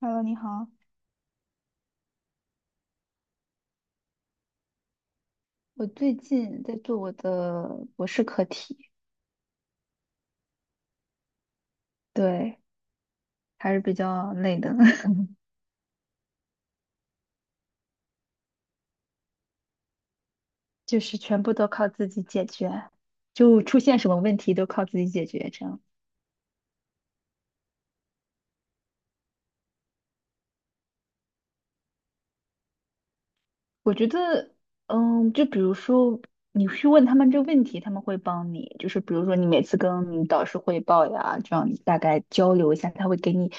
Hello，你好，我最近在做我的博士课题，对，还是比较累的，就是全部都靠自己解决，就出现什么问题都靠自己解决，这样。我觉得，就比如说你去问他们这个问题，他们会帮你，就是比如说你每次跟你导师汇报呀，这样你大概交流一下，他会给你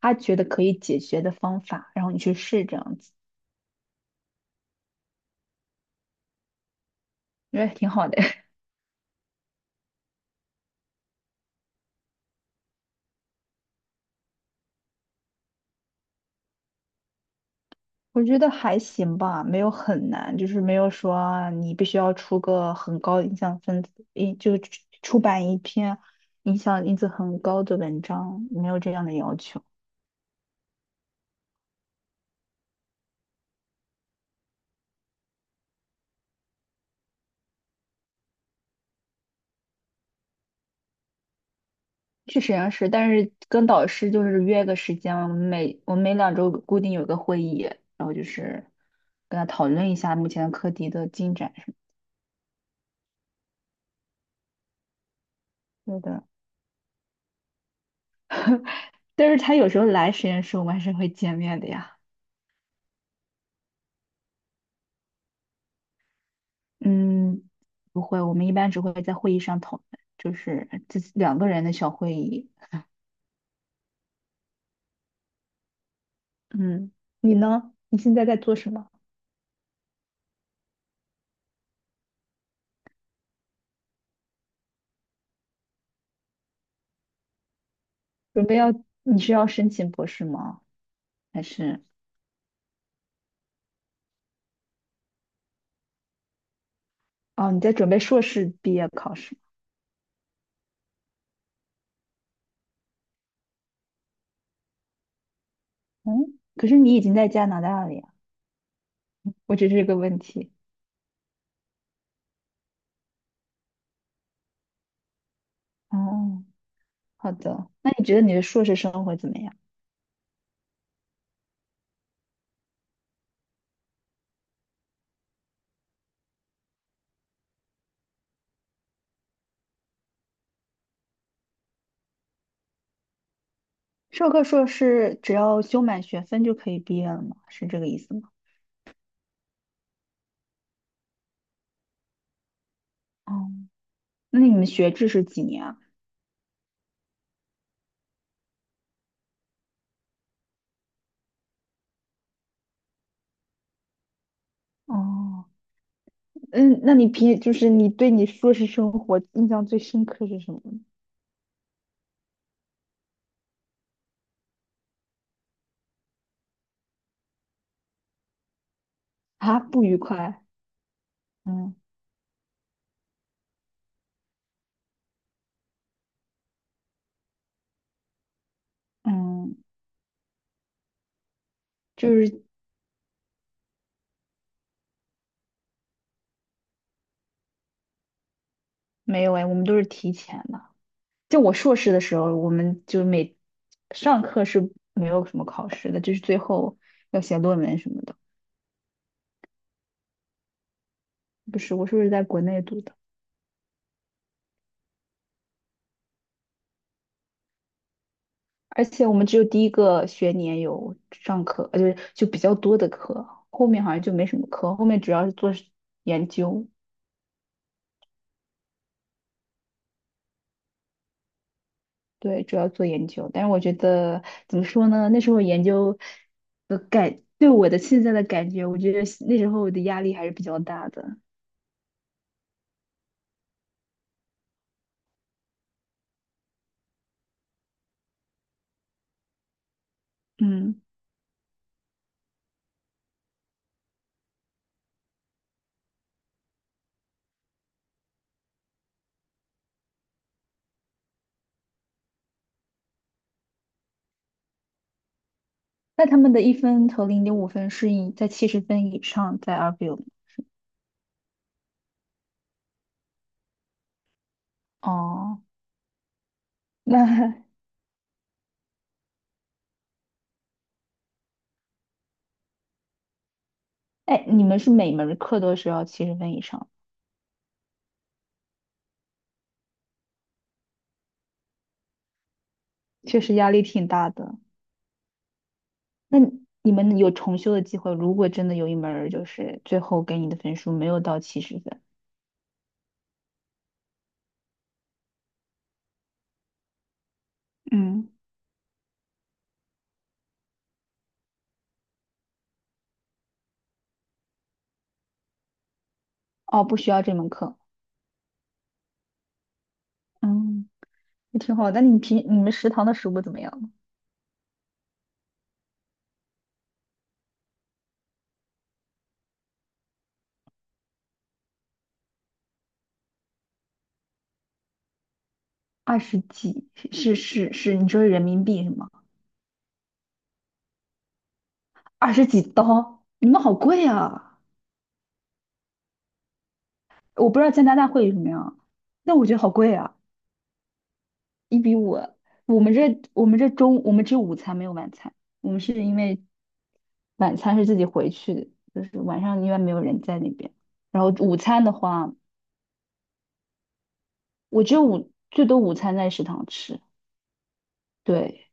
他觉得可以解决的方法，然后你去试这样子，我觉得挺好的。我觉得还行吧，没有很难，就是没有说啊你必须要出个很高的影响分子，一就出版一篇影响因子很高的文章，没有这样的要求。去实验室，但是跟导师就是约个时间，我们每2周固定有个会议，然后就是跟他讨论一下目前课题的进展什么的。对的。但是他有时候来实验室，我们还是会见面的呀。嗯，不会，我们一般只会在会议上讨论，就是自己两个人的小会议。嗯，你呢？你现在在做什么？准备要，你是要申请博士吗？还是，哦，你在准备硕士毕业考试？嗯，可是你已经在加拿大了呀，我只是这个问题。哦，好的，那你觉得你的硕士生活怎么样？授课硕士只要修满学分就可以毕业了吗？是这个意思吗？哦，那你们学制是几年啊？哦。嗯，那就是你对你硕士生活印象最深刻是什么呢？啊，不愉快。嗯嗯，就是没有哎，我们都是提前的。就我硕士的时候，我们就每上课是没有什么考试的，就是最后要写论文什么的。不是，我硕士在国内读的，而且我们只有第一个学年有上课，就是就比较多的课，后面好像就没什么课，后面主要是做研究。对，主要做研究，但是我觉得怎么说呢？那时候研究的感，对我的现在的感觉，我觉得那时候的压力还是比较大的。嗯，那他们的1分和0.5分是以在七十分以上在 argue。哦，那 哎，你们是每门课都是要七十分以上，确实压力挺大的。那你们有重修的机会，如果真的有一门儿就是最后给你的分数没有到七十分，嗯，哦，不需要这门课。嗯。也挺好。但你们食堂的食物怎么样？二十几是是是，你说是人民币是吗？二十几刀，你们好贵啊！我不知道加拿大会有什么样，但我觉得好贵啊，1比5。我们只有午餐没有晚餐，我们是因为晚餐是自己回去的，就是晚上因为没有人在那边。然后午餐的话，我只有最多午餐在食堂吃，对。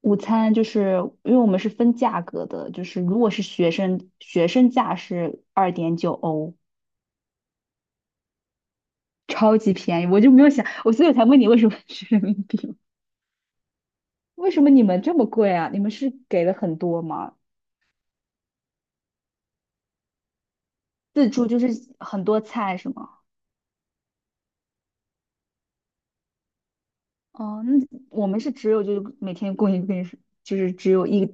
午餐就是因为我们是分价格的，就是如果是学生，学生价是2.9欧，超级便宜。我就没有想，所以我才问你为什么是人民币嘛，为什么你们这么贵啊？你们是给了很多吗？自助就是很多菜是吗？哦，那我们是只有就是每天供应给，就是只有一，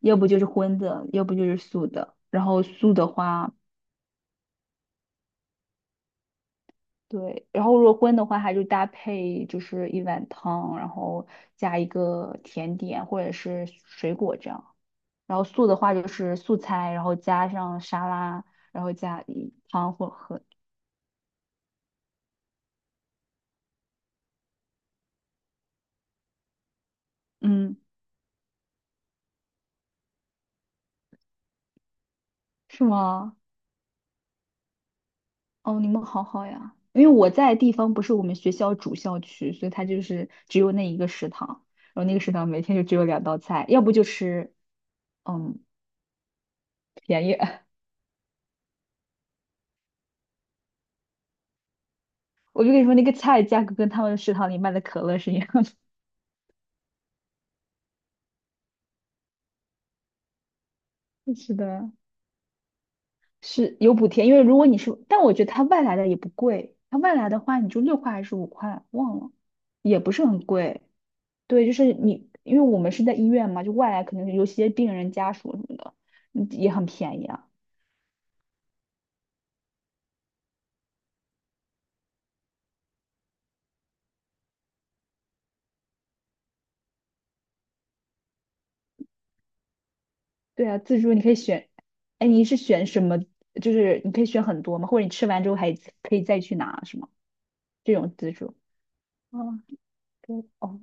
要不就是荤的，要不就是素的。然后素的话。对，然后如果荤的话，它就搭配就是一碗汤，然后加一个甜点或者是水果这样。然后素的话就是素菜，然后加上沙拉，然后加一汤或和嗯，是吗？哦，你们好好呀。因为我在的地方不是我们学校主校区，所以它就是只有那一个食堂，然后那个食堂每天就只有两道菜，要不就吃嗯便宜。我就跟你说，那个菜价格跟他们食堂里卖的可乐是一样的。是的。是有补贴，因为如果你是，但我觉得它外来的也不贵，它外来的话你就6块还是5块，忘了，也不是很贵。对，就是你，因为我们是在医院嘛，就外来可能有些病人家属什么的，也很便宜啊。对啊，自助你可以选，哎，你是选什么？就是你可以选很多嘛，或者你吃完之后还可以再去拿，是吗？这种自助。哦，对，哦，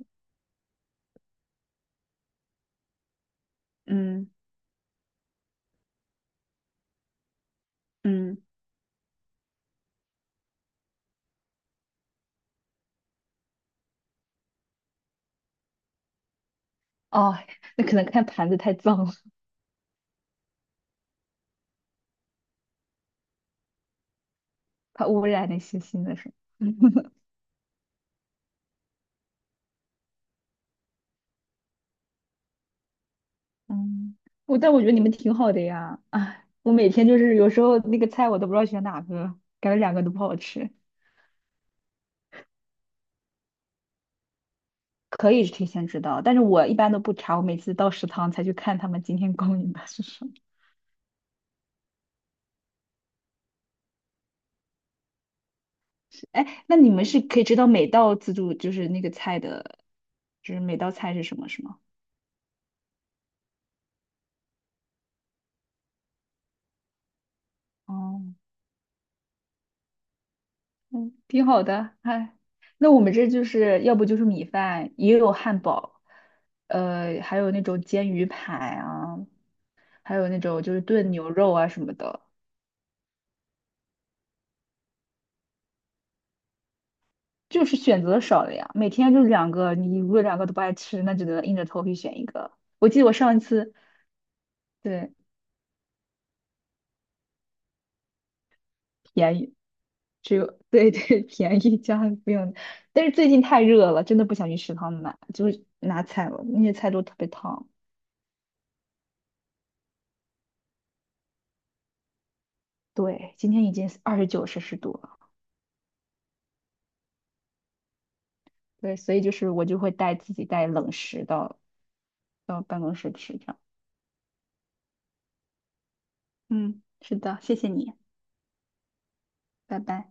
嗯嗯，哦，那可能看盘子太脏了，怕污染那些新的什么。嗯，但我觉得你们挺好的呀。哎，我每天就是有时候那个菜我都不知道选哪个，感觉两个都不好吃。可以提前知道，但是我一般都不查，我每次到食堂才去看他们今天供应的是什么。哎，那你们是可以知道每道自助就是那个菜的，就是每道菜是什么，是吗？哦，嗯，挺好的。哎，那我们这就是要不就是米饭，也有汉堡，还有那种煎鱼排啊。还有那种就是炖牛肉啊什么的，就是选择少了呀。每天就两个，你如果两个都不爱吃，那只能硬着头皮选一个。我记得我上一次对便宜，只有对对 便宜家里不用，但是最近太热了，真的不想去食堂买，就是拿菜了，那些菜都特别烫。对，今天已经29摄氏度了，对，所以就是我就会带自己带冷食到办公室吃，这样。嗯，是的，谢谢你，拜拜。